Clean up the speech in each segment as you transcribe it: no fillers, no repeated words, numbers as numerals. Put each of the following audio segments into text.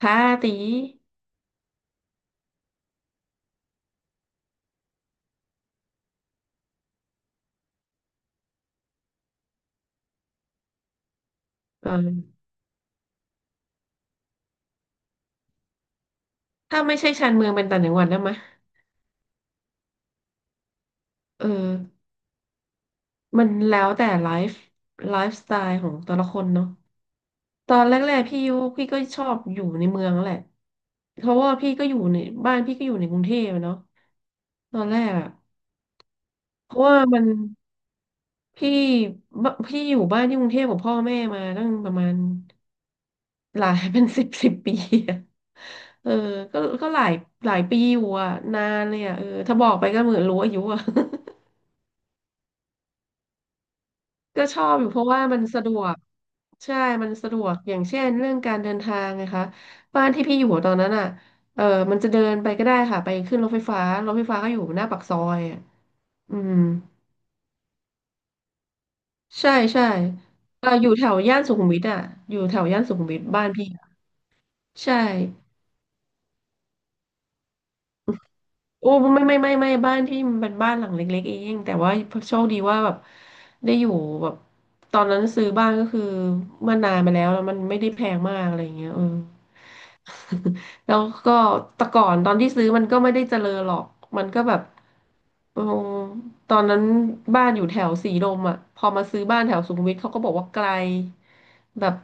ค่ะตีเออถ้าไม่ใช่ชานเมืองเป็นต่างจังหวัดได้ไหมเออมันแล้วแต่ไลฟ์สไตล์ของแต่ละคนเนาะตอนแรกๆพี่ยุพี่ก็ชอบอยู่ในเมืองแหละ เพราะว่าพี่ก็อยู่ในบ้านพี่ก็อยู่ในกรุงเทพอะเนาะตอนแรกอะเพราะว่ามันพี่พี่อยู่บ้านที่กรุงเทพกับพ่อแม่มาตั้งประมาณหลาย เป็นสิบสิบปีอะ เออ ก็ก็หลายหลายปีอยู่อะนานเลยอะถ้าบอกไปก็เหมือนรู้อายุอะ ก็ชอบอยู่เพราะว่ามันสะดวกใช่ มันสะดวกอย่างเช่นเรื่องการเดินทางนะคะบ้านที่พี่อยู่ตอนนั้นอ่ะเออมันจะเดินไปก็ได้ค่ะไปขึ้นรถไฟฟ้าก็อยู่หน้าปากซอยอะอืมใช่ใช่อยู่แถวย่านสุขุมวิทอ่ะอยู่แถวย่านสุขุมวิทบ้านพี่อะใช่โอ้ไม่ไม่ไม่ไม่บ้านที่มันเป็นบ้านหลังเล็กๆเองแต่ว่าโชคดีว่าแบบได้อยู่แบบตอนนั้นซื้อบ้านก็คือเมื่อนานมาแล้วแล้วมันไม่ได้แพงมากอะไรอย่างเงี้ยแล้วก็แต่ก่อนตอนที่ซื้อมันก็ไม่ได้เจริญหรอกมันก็แบบเออตอนนั้นบ้านอยู่แถวสีลมอ่ะพอมาซื้อบ้านแถวสุขุมวิทเขาก็บอกว่าไกลแบบ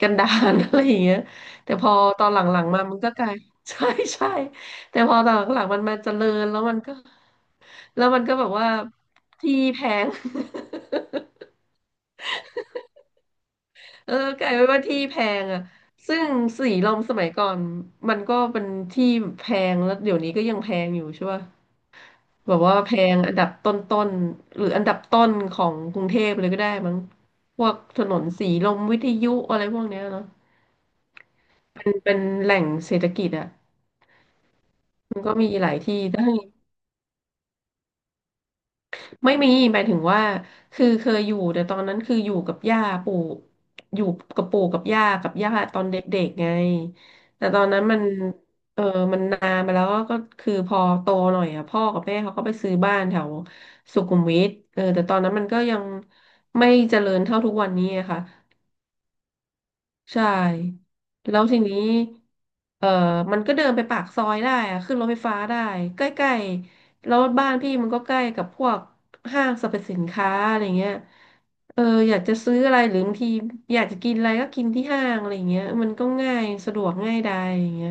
กันดาร อะไรอย่างเงี้ยแต่พอตอนหลังๆมามันก็ไกลใช่ ใช่แต่พอตอนหลังๆมันมาเจริญแล้วมันก็แบบว่าที่แพง กลายเป็นว่าที่แพงอ่ะซึ่งสีลมสมัยก่อนมันก็เป็นที่แพงแล้วเดี๋ยวนี้ก็ยังแพงอยู่ใช่ป่ะ แบบว่าแพงอันดับต้นๆหรืออันดับต้นของกรุงเทพเลยก็ได้มั้งพวกถนนสีลมวิทยุอะไรพวกเนี้ยเนาะเป็นแหล่งเศรษฐกิจอ่ะมันก็มีหลายที่ได้ ไม่มีหมายถึงว่า คือเคยอยู่ แต่ตอนนั้นคืออยู่กับย่าปู่ อยู่กับปู่กับย่ากับย่าตอนเด็กๆไงแต่ตอนนั้นมันเออมันนานมาแล้วก็คือพอโตหน่อยอ่ะพ่อกับแม่เขาก็ไปซื้อบ้านแถวสุขุมวิทแต่ตอนนั้นมันก็ยังไม่เจริญเท่าทุกวันนี้อะค่ะ ใช่แล้วทีนี้เออมันก็เดินไปปากซอยได้อะขึ้นรถไฟฟ้าได้ใกล้ๆแล้วบ้านพี่มันก็ใกล้กับพวกห้างสรรพสินค้าอะไรเงี้ยเอออยากจะซื้ออะไรหรือบางทีอยากจะกินอะไรก็กินที่ห้างอะไรเงี้ยมันก็ง่ายสะดวกง่ายดายอย่างเงี้ย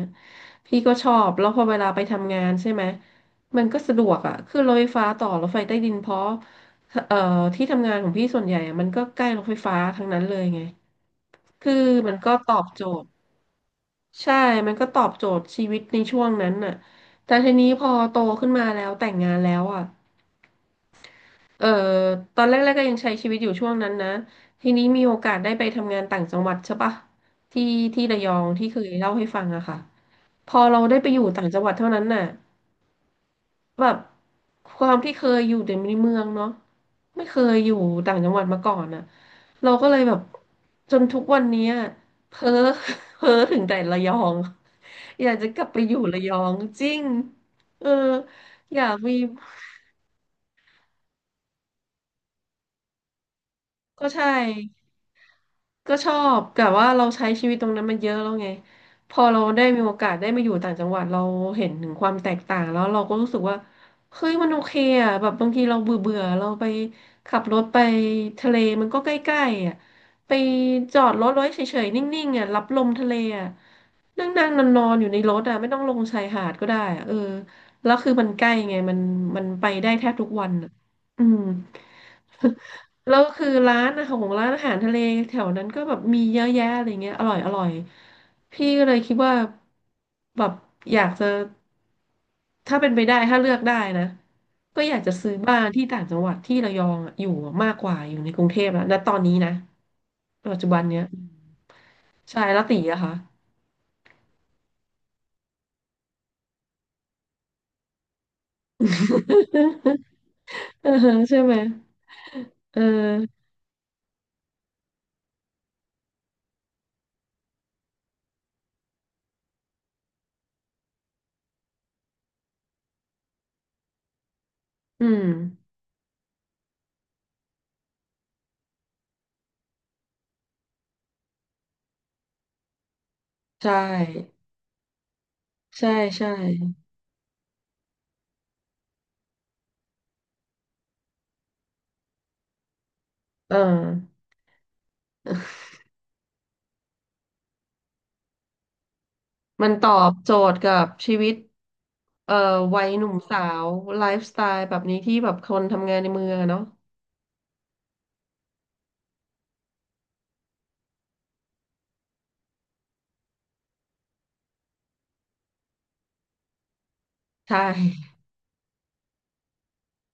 พี่ก็ชอบแล้วพอเวลาไปทำงานใช่ไหมมันก็สะดวกอ่ะขึ้นรถไฟฟ้าต่อรถไฟใต้ดินเพราะเอ่อที่ทำงานของพี่ส่วนใหญ่อะมันก็ใกล้รถไฟฟ้าทั้งนั้นเลยไง คือมันก็ตอบโจทย์ใช่มันก็ตอบโจทย์ชีวิตในช่วงนั้นน่ะแต่ทีนี้พอโตขึ้นมาแล้วแต่งงานแล้วอ่ะเออตอนแรกๆก็ยังใช้ชีวิตอยู่ช่วงนั้นนะทีนี้มีโอกาสได้ไปทำงานต่างจังหวัดใช่ปะที่ที่ระยองที่เคยเล่าให้ฟังอะค่ะพอเราได้ไปอยู่ต่างจังหวัดเท่านั้นน่ะแบบความที่เคยอยู่แต่ในเมืองเนาะไม่เคยอยู่ต่างจังหวัดมาก่อนน่ะเราก็เลยแบบจนทุกวันเนี้ยเพ้อ เพ้อถึงแต่ระยอง อยากจะกลับไปอยู่ระยองจริง เอออยากมีก็ใช่ ก็ชอบแต่ว่าเราใช้ชีวิตตรงนั้นมันเยอะแล้วไงพอเราได้มีโอกาสได้มาอยู่ต่างจังหวัดเราเห็นถึงความแตกต่างแล้วเราก็รู้สึกว่าเฮ้ยมันโอเคอ่ะแบบบางทีเราเบื่อเบื่อเราไปขับรถไปทะเลมันก็ใกล้ๆอ่ะไปจอดรถไว้เฉยๆนิ่งๆอ่ะรับลมทะเลอ่ะนั่งนั่งนอนนอนๆอยู่ในรถอ่ะไม่ต้องลงชายหาดก็ได้อ่ะแล้วคือมันใกล้ไงมันไปได้แทบทุกวันอ่ะอืม แล้วคือร้านอาหารของร้านอาหารทะเลแถวนั้นก็แบบมีเยอะแยะอะไรเงี้ยอร่อยอร่อยพี่ก็เลยคิดว่าแบบอยากจะถ้าเป็นไปได้ถ้าเลือกได้นะก็อยากจะซื้อบ้านที่ต่างจังหวัดที่ระยองอะอยู่มากกว่าอยู่ในกรุงเทพแล้วณตอนนี้นะปัจจุบันเนี้ยใช่แล้วตีอะค่ะ เออใช่ไหมเอออืมใช่ใช่ใช่เออมันตอบโจทย์กับชีวิต เอ่อวัยหนุ่มสาวไลฟ์สไตล์แบบนี้ที่แบบคนทำงานในเมืองอะเนาะใช่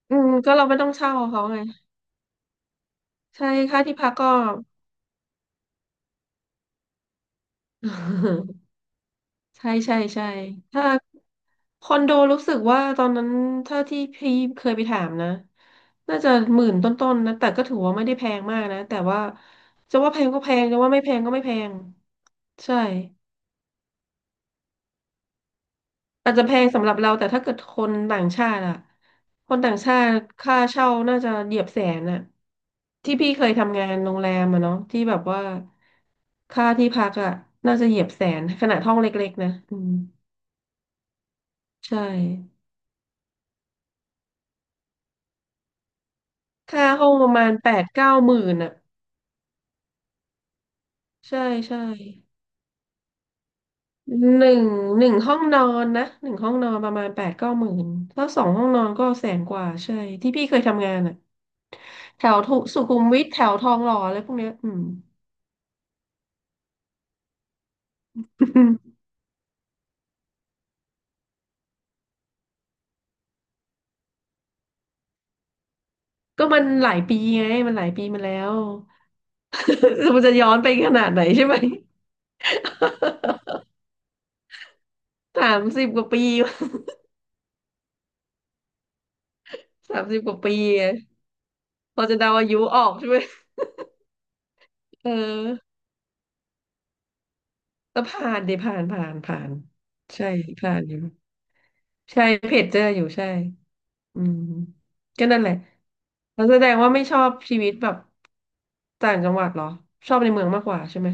อืมก็เราไม่ต้องเช่าเขาไงใช่ค่าที่พักก็ ใช่ใช่ใช่ถ้าคอนโดรู้สึกว่าตอนนั้นถ้าที่พี่เคยไปถามนะน่าจะหมื่นต้นๆนะแต่ก็ถือว่าไม่ได้แพงมากนะแต่ว่าจะว่าแพงก็แพงจะว่าไม่แพงก็ไม่แพงใช่ อาจจะแพงสำหรับเราแต่ถ้าเกิดคนต่างชาติอะคนต่างชาติค่าเช่าน่าจะเหยียบแสนอะที่พี่เคยทำงานโรงแรมอะเนาะที่แบบว่าค่าที่พักอะน่าจะเหยียบแสนขนาดห้องเล็กๆนะอืมใช่ค่าห้องประมาณแปดเก้าหมื่นอะใช่ใช่หนึ่งหนึ่งห้องนอนนะหนึ่งห้องนอนประมาณแปดเก้าหมื่นถ้าสองห้องนอนก็แสนกว่าใช่ที่พี่เคยทำงานอะแถวทุสุขุมวิทแถวทองหล่ออะไรพวกเนี้ยอืม อืมก็มันหลายปีไงมันหลายปีมาแล้ว มันจะย้อนไปขนาดไหนใช่ไหม สามสิบกว่าปี สามสิบกว่าปีไงพอจะเดาอายุออกใช่ไหมเออแล้วผ่านใช่ผ่านอยู่ใช่เพจเจออยู่ใช่อืมก็นั่นแหละแล้วแสดงว่าไม่ชอบชีวิตแบบต่างจังหวัดเหรอชอบในเมืองมากกว่าใช่ไหม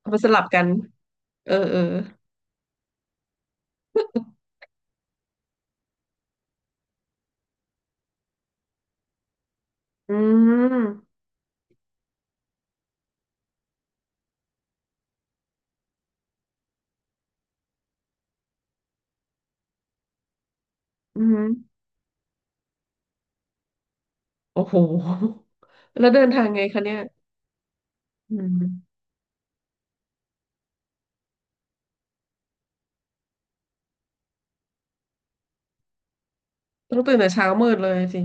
เอามาสลับกันเออเอออืมอืม โอ้โห แล้วเดินทางไงคะเนี่ยอืมต้องตื่นแต่เช้ามืดเลยสิ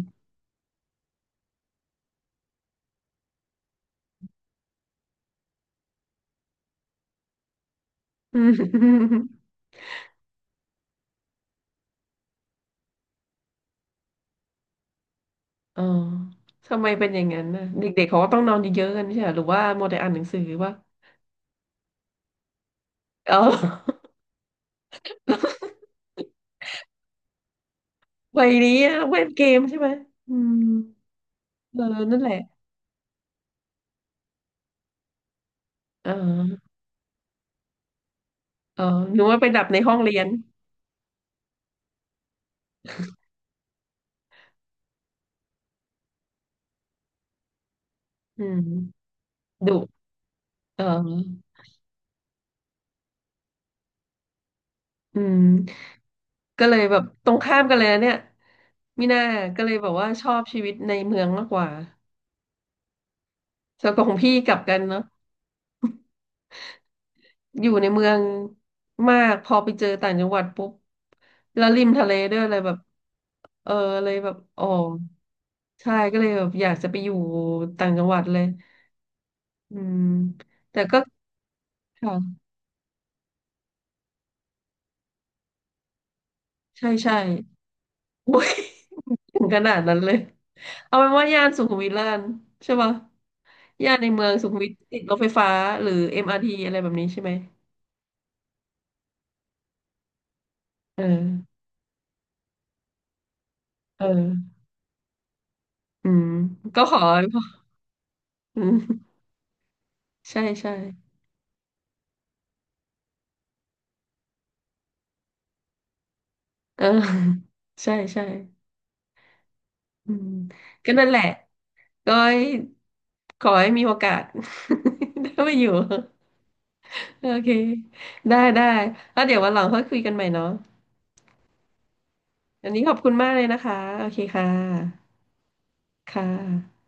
อืมอ๋อทำไมเป็นอย่างนั้นน่ะเด็กๆเขาก็ต้องนอนเยอะๆกันใช่ไหมหรือว่าโมัวแต่อ่านหนังสือวะเออ วัยนี้อะเล่นเกมใช่ไหมอืมเออนั่นแหละอ๋ออ๋อหนูว่าไปดับในห้องเรียนอืมดุเอออืมก็เลยแบบตรงข้ามกันเลยนะเนี่ยมิน่าก็เลยแบบว่าชอบชีวิตในเมืองมากกว่าส่วนของพี่กลับกันเนาะ อยู่ในเมืองมากพอไปเจอต่างจังหวัดปุ๊บแล้วริมทะเลด้วยอะไรแบบเออเลยแบบอ๋อใช่ก็เลยแบบอยากจะไปอยู่ต่างจังหวัดเลยอืมแต่ก็ค่ะใช่ใช่โอ้ย ถึงขนาดนั้นเลยเอาเป็นว่าย่านสุขุมวิทแล้วกันใช่ปะย่านในเมืองสุขุมวิทติดรถไฟฟ้าหรือ MRT อมอาร์ทีอะไรแบบนี้ใช่ไหมเออเอออืมก็ขออืมใช่ใช่เออ ใช่ใช่ อืมก็นั่นแหละก็ให้ขอให้มีโอกาส ได้มาอยู่โอเคได้ได้แล้วเดี๋ยววันหลังค่อยคุยกันใหม่เนาะอันนี้ขอบคุณมากเลยนะคะโอเคค่ะค่ะ